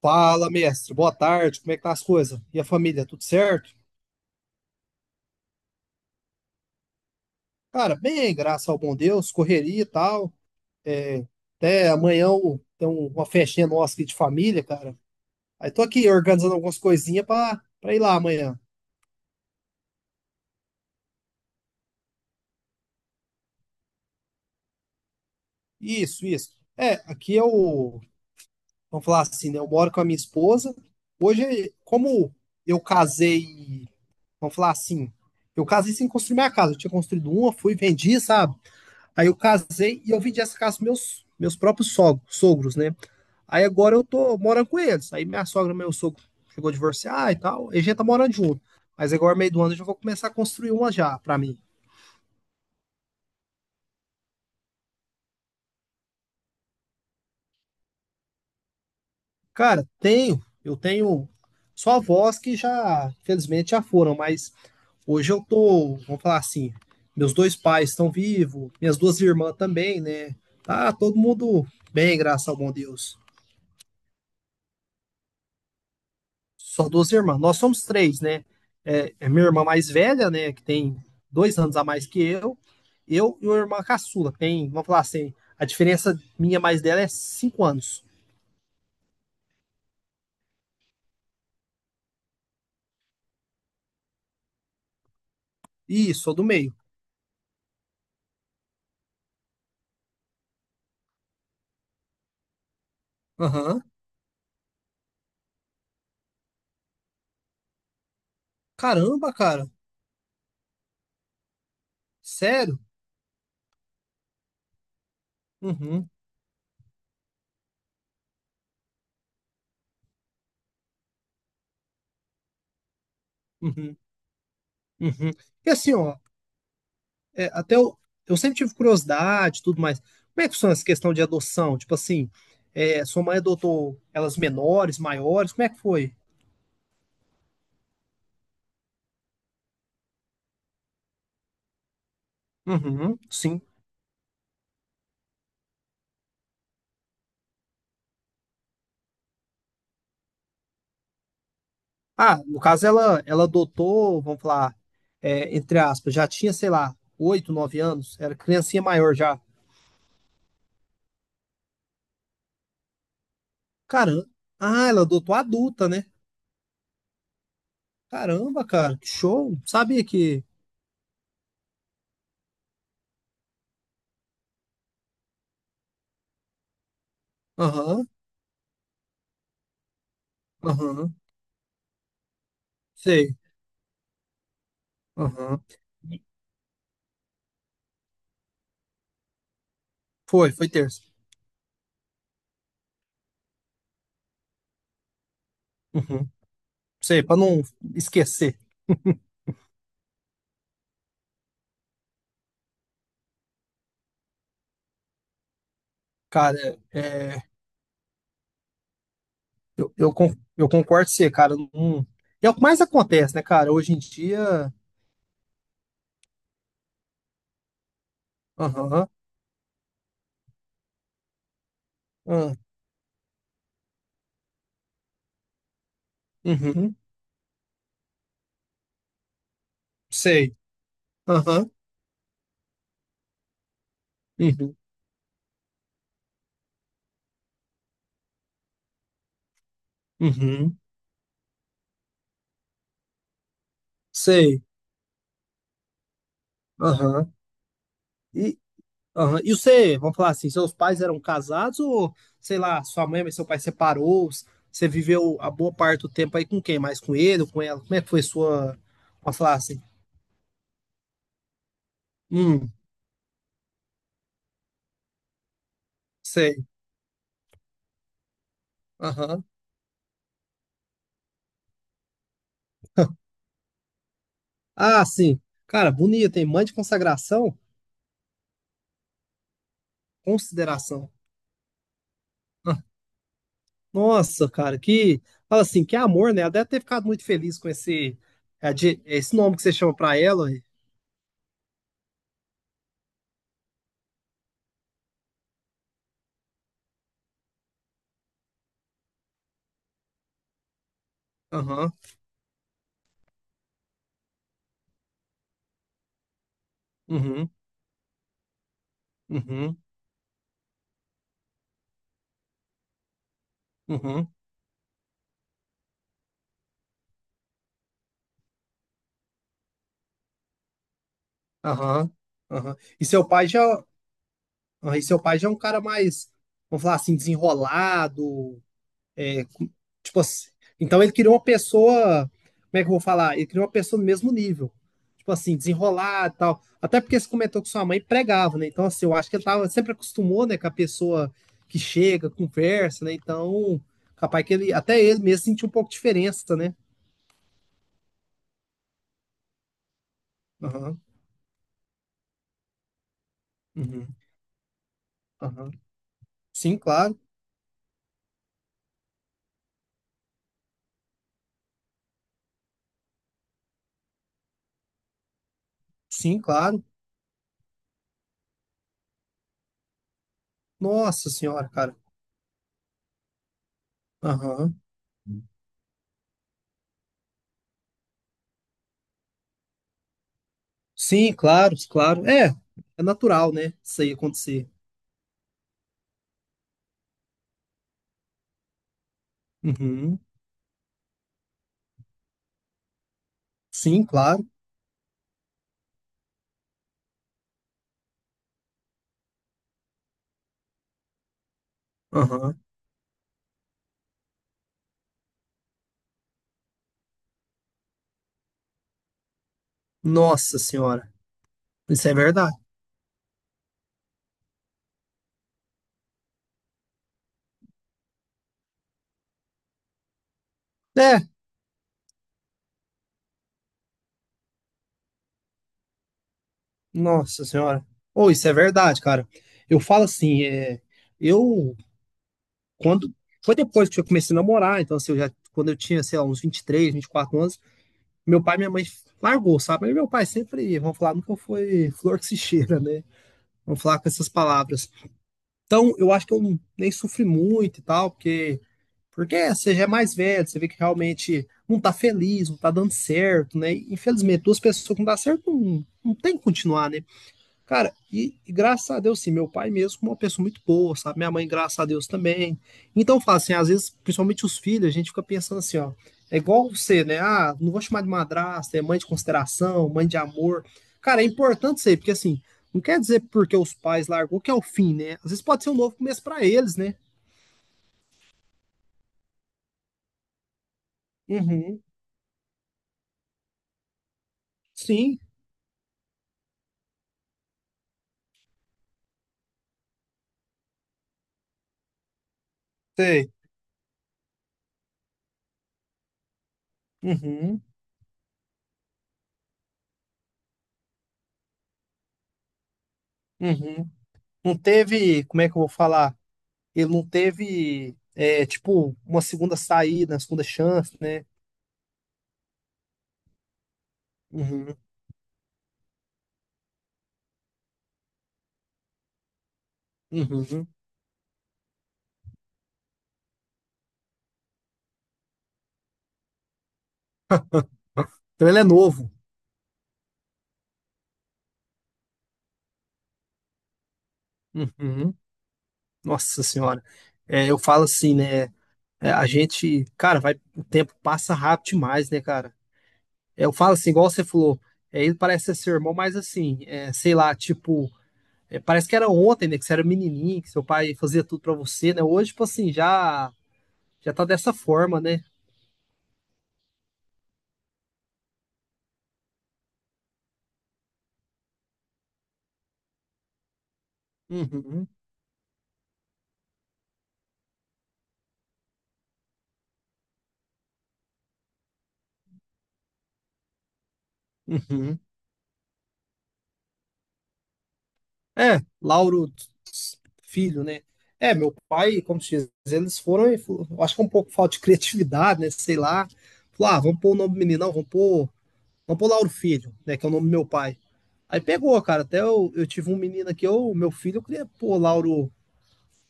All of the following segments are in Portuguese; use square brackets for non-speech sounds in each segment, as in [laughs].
Fala, mestre. Boa tarde. Como é que tá as coisas? E a família, tudo certo? Cara, bem, graças ao bom Deus, correria e tal. É, até amanhã tem uma festinha nossa aqui de família, cara. Aí tô aqui organizando algumas coisinhas pra ir lá amanhã. Isso, isso. É, aqui eu, vamos falar assim, né? Eu moro com a minha esposa. Hoje, como eu casei, vamos falar assim, eu casei sem construir minha casa. Eu tinha construído uma, fui, vendi, sabe? Aí eu casei e eu vendi essa casa para meus próprios sogros, sogros, né? Aí agora eu tô morando com eles. Aí minha sogra e meu sogro chegou a divorciar e tal. E a gente tá morando junto. Mas agora, meio do ano, eu já vou começar a construir uma já para mim. Cara, eu tenho só avós que já, infelizmente, já foram, mas hoje eu tô, vamos falar assim, meus dois pais estão vivos, minhas duas irmãs também, né? Tá todo mundo bem, graças ao bom Deus. Só duas irmãs. Nós somos três, né? É, é minha irmã mais velha, né? Que tem 2 anos a mais que eu. Eu e uma irmã caçula, que tem, vamos falar assim, a diferença minha mais dela é 5 anos. Isso, sou do meio. Aham. Caramba, cara. Sério? Uhum, uhum, uhum. E assim, ó, até eu sempre tive curiosidade e tudo mais. Como é que funciona essa questão de adoção? Tipo assim, sua mãe adotou elas menores, maiores? Como é que foi? Uhum, sim. Ah, no caso ela adotou, vamos falar, entre aspas, já tinha, sei lá, 8, 9 anos, era criancinha maior já. Caramba. Ah, ela adotou adulta, né? Caramba, cara, que show. Sabia que. Aham, aham, sei. Aham. Foi terça. Uhum. Sei, pra não esquecer. Cara, é, eu concordo com você, cara. Não. É o que mais acontece, né, cara? Hoje em dia. Aham, ah, uhum, sei. Aham, uhum, uhum. Sei. Aham. E, aham. E você, vamos falar assim, seus pais eram casados ou, sei lá, sua mãe e seu pai separou? Você viveu a boa parte do tempo aí com quem? Mais com ele ou com ela? Como é que foi sua, vamos falar assim? Hum, sei. Aham. [laughs] Ah, sim. Cara, bonito, tem mãe de consagração, consideração. Ah, nossa, cara, que. Fala assim, que amor, né? Ela deve ter ficado muito feliz com esse nome que você chama pra ela. Ué. Aham, uhum, uhum, uhum, uhum. Aham, aham. E seu pai já é um cara mais, vamos falar assim, desenrolado, é, tipo assim. Então ele queria uma pessoa, como é que eu vou falar? Ele queria uma pessoa do mesmo nível. Tipo assim, desenrolado e tal. Até porque você comentou que sua mãe pregava, né? Então, assim, eu acho que ele tava, sempre acostumou, né, com a pessoa que chega, conversa, né? Então, capaz que ele, até ele mesmo sentiu um pouco de diferença, né? Aham, uhum, aham. Sim, claro. Sim, claro. Nossa senhora, cara. Aham. Sim, claro, claro. É, é natural, né? Isso aí acontecer. Uhum. Sim, claro. Aham. Nossa senhora. Isso é verdade. É, nossa senhora. Ou isso é verdade, cara. Eu falo assim, eu quando foi depois que eu comecei a namorar, então assim, eu já quando eu tinha, sei lá, uns vinte vinte três vinte e quatro anos, meu pai e minha mãe largou, sabe? Mas meu pai sempre, vamos falar, nunca foi [laughs] flor que se cheira, né? Vamos falar com essas palavras. Então, eu acho que eu nem sofri muito e tal, porque você já é mais velho, você vê que realmente não tá feliz, não tá dando certo, né? E, infelizmente, duas pessoas que não dá certo não, não tem que continuar, né? Cara, e graças a Deus, sim, meu pai mesmo é uma pessoa muito boa, sabe? Minha mãe, graças a Deus, também. Então, eu falo assim, às vezes, principalmente os filhos, a gente fica pensando assim, ó, é igual você, né? Ah, não vou chamar de madrasta, é mãe de consideração, mãe de amor. Cara, é importante isso aí, porque assim, não quer dizer porque os pais largou que é o fim, né? Às vezes pode ser um novo começo pra eles, né? Uhum. Sim. Sei. Uhum, uhum. Não teve, como é que eu vou falar? Ele não teve, tipo, uma segunda saída, uma segunda chance, né? Uhum, uhum. Então ele é novo. Uhum. Nossa Senhora. É, eu falo assim, né? É, a gente, cara, vai, o tempo passa rápido demais, né, cara? É, eu falo assim, igual você falou, ele parece ser seu irmão, mas assim, sei lá, tipo, parece que era ontem, né? Que você era menininho, que seu pai fazia tudo pra você, né? Hoje, tipo assim, já tá dessa forma, né? Uhum, uhum. É, Lauro Filho, né? É, meu pai, como se diz, eles foram, eu acho que é um pouco falta de criatividade, né? Sei lá. Falou, ah, vamos pôr o nome do menino, não, vamos pôr Lauro Filho, né? Que é o nome do meu pai. Aí pegou, cara. Até eu tive um menino aqui, eu, meu filho, eu queria pôr Lauro,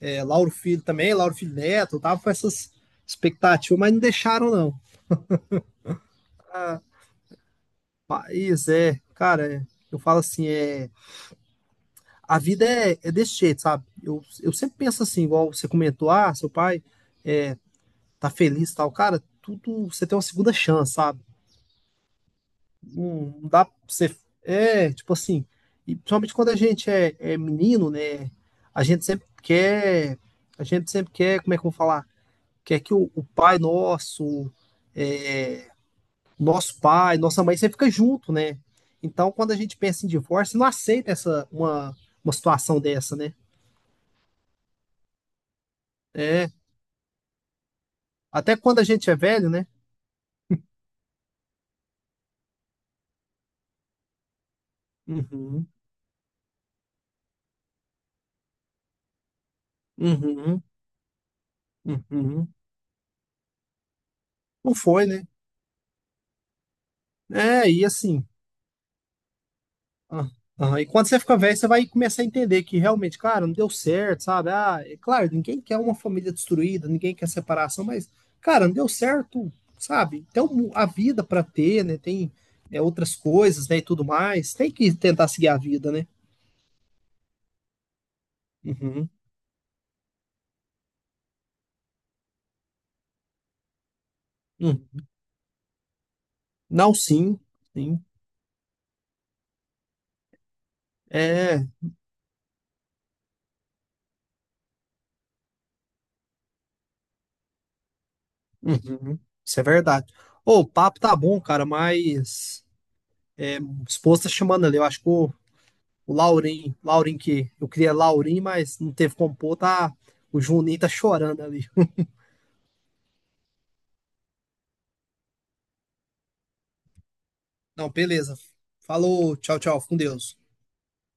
Lauro Filho também, Lauro Filho Neto, eu tava com essas expectativas, mas não deixaram, não. Ah, mas cara, eu falo assim, é. A vida é desse jeito, sabe? Eu sempre penso assim, igual você comentou, ah, seu pai é, tá feliz e tal. Cara, tudo você tem uma segunda chance, sabe? Não, não dá pra você. É, tipo assim, e principalmente quando a gente é menino, né? A gente sempre quer. A gente sempre quer, como é que eu vou falar? Quer que o pai nosso, é, nosso pai, nossa mãe, sempre fica junto, né? Então, quando a gente pensa em divórcio, não aceita essa uma situação dessa, né? É, até quando a gente é velho, né? Uhum, uhum, uhum. Não foi, né? É, e assim. ah, ah, e quando você fica velho, você vai começar a entender que realmente, claro, não deu certo, sabe? Ah, é claro, ninguém quer uma família destruída, ninguém quer separação, mas, cara, não deu certo, sabe? Tem a vida pra ter, né? Tem outras coisas, né? E tudo mais. Tem que tentar seguir a vida, né? Uhum, uhum. Não, sim, sim. É. Uhum, isso é verdade. Ô, o papo tá bom, cara, mas o esposo tá chamando ali. Eu acho que o Laurim, Laurim que eu queria Laurim, mas não teve como pôr, tá? O Juninho tá chorando ali. Não, beleza. Falou, tchau, tchau, fica com Deus.